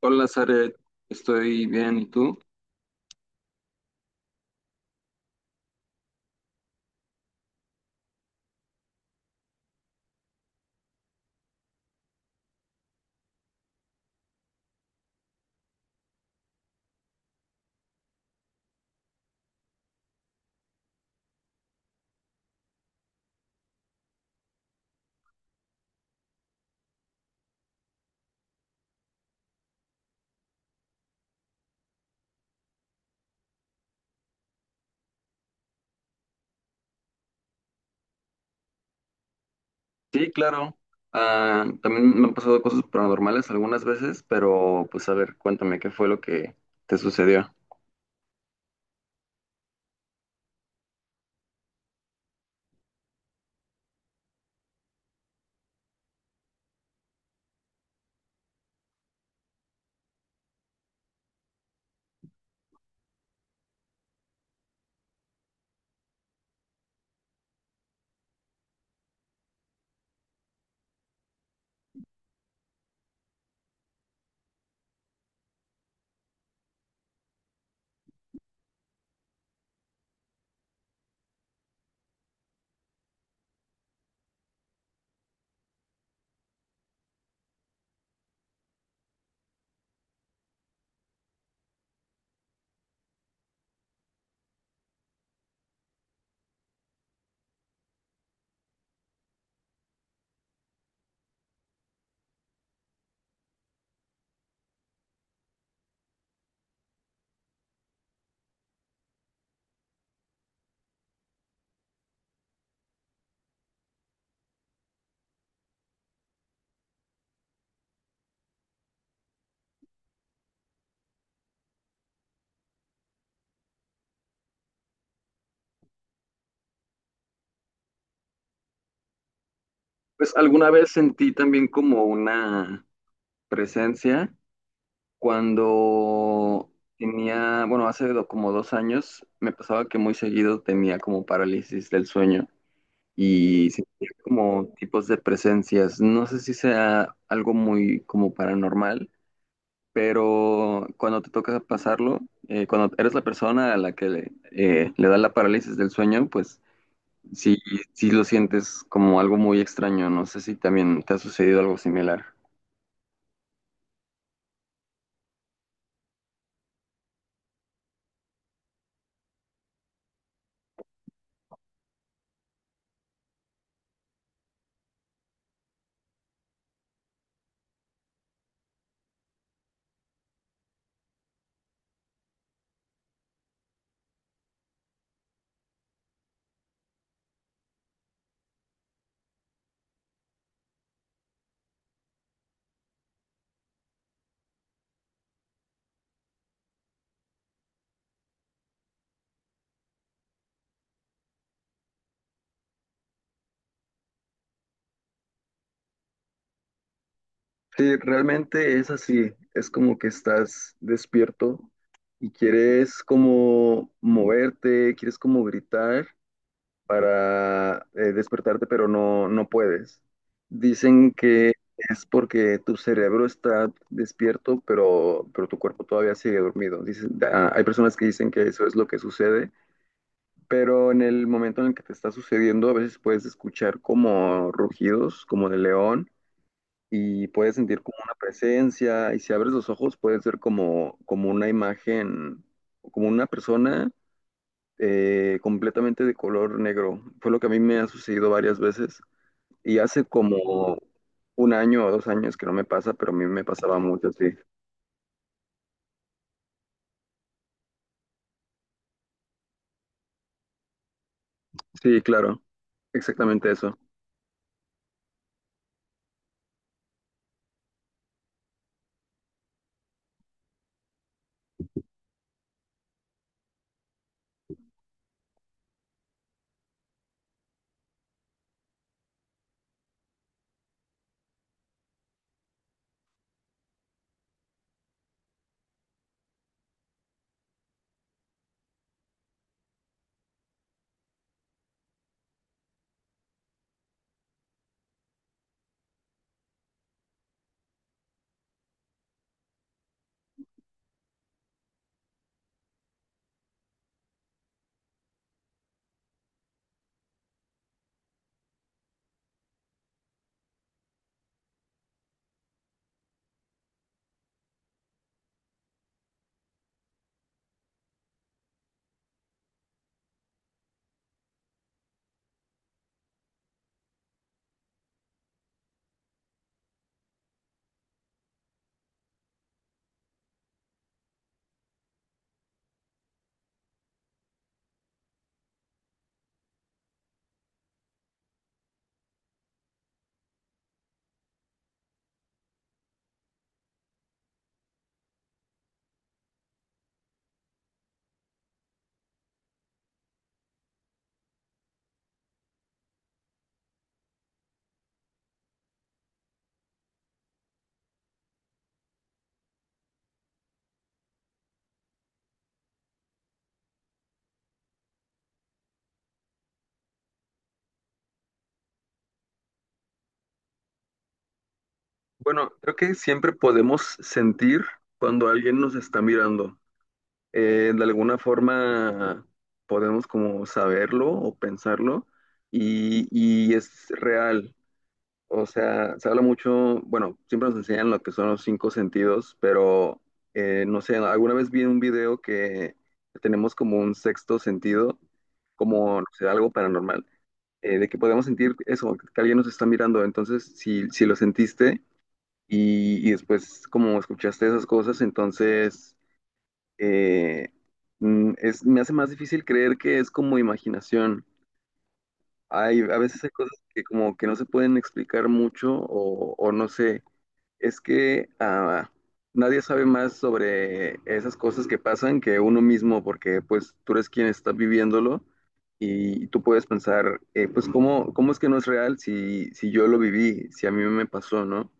Hola, Zaret, estoy bien, ¿y tú? Sí, claro. Ah, también me han pasado cosas paranormales algunas veces, pero pues a ver, cuéntame qué fue lo que te sucedió. Pues alguna vez sentí también como una presencia cuando tenía, bueno, hace como 2 años me pasaba que muy seguido tenía como parálisis del sueño y sentía como tipos de presencias. No sé si sea algo muy como paranormal, pero cuando te toca pasarlo, cuando eres la persona a la que le da la parálisis del sueño, pues sí, sí lo sientes como algo muy extraño. No sé si también te ha sucedido algo similar. Sí, realmente es así, es como que estás despierto y quieres como moverte, quieres como gritar, para despertarte, pero no, no puedes. Dicen que es porque tu cerebro está despierto, pero tu cuerpo todavía sigue dormido. Hay personas que dicen que eso es lo que sucede, pero en el momento en el que te está sucediendo, a veces puedes escuchar como rugidos, como de león, y puedes sentir como una presencia, y si abres los ojos puedes ver como, una imagen, como una persona completamente de color negro. Fue lo que a mí me ha sucedido varias veces. Y hace como un año o 2 años que no me pasa, pero a mí me pasaba mucho, sí. Sí, claro, exactamente eso. Bueno, creo que siempre podemos sentir cuando alguien nos está mirando. De alguna forma podemos como saberlo o pensarlo, y es real. O sea, se habla mucho, bueno, siempre nos enseñan lo que son los cinco sentidos, pero no sé, alguna vez vi un video que tenemos como un sexto sentido, como, no sé, algo paranormal, de que podemos sentir eso, que alguien nos está mirando. Entonces, si lo sentiste y después como escuchaste esas cosas, entonces eh, me hace más difícil creer que es como imaginación. A veces hay cosas que como que no se pueden explicar mucho o no sé. Es que nadie sabe más sobre esas cosas que pasan que uno mismo, porque pues tú eres quien está viviéndolo y tú puedes pensar, pues ¿cómo, es que no es real si yo lo viví, si a mí me pasó, no?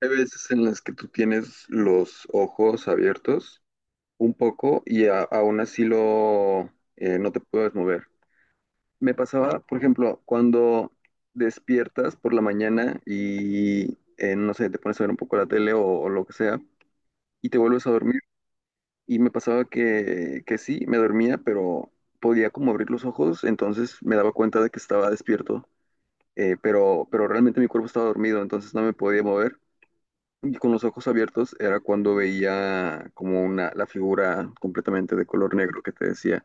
Hay veces en las que tú tienes los ojos abiertos un poco y aún así no te puedes mover. Me pasaba, por ejemplo, cuando despiertas por la mañana y, no sé, te pones a ver un poco la tele o lo que sea y te vuelves a dormir. Y me pasaba que sí, me dormía, pero podía como abrir los ojos, entonces me daba cuenta de que estaba despierto, pero realmente mi cuerpo estaba dormido, entonces no me podía mover. Y con los ojos abiertos era cuando veía como la figura completamente de color negro que te decía.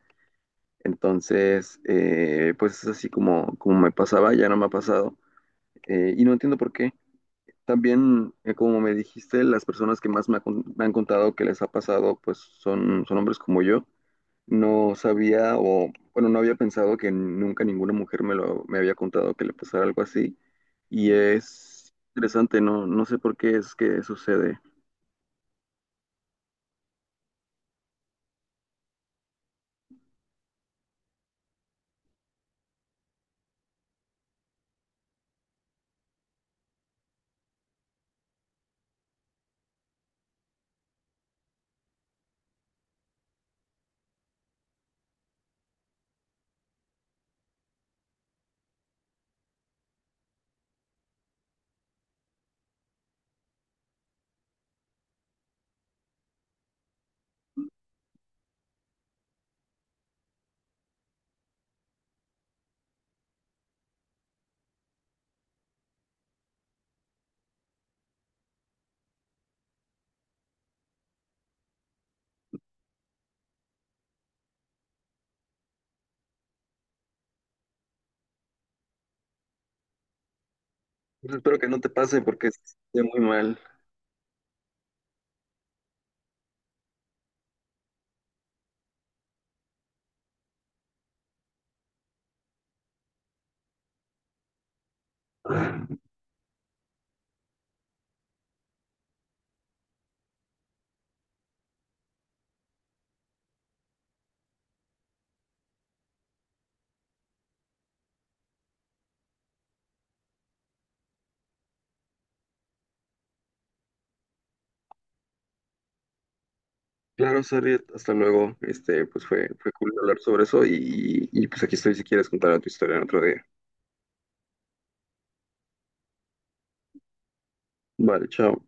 Entonces, pues es así como, me pasaba, ya no me ha pasado. Y no entiendo por qué. También, como me dijiste, las personas que más me han contado que les ha pasado, pues son hombres como yo. No sabía o, bueno, no había pensado que nunca ninguna mujer me había contado que le pasara algo así. Y es interesante, no, no sé por qué es que sucede. Pues espero que no te pase porque esté muy mal. Claro, Sariet, hasta luego. Pues fue cool hablar sobre eso, y pues aquí estoy si quieres contar tu historia en otro día. Vale, chao.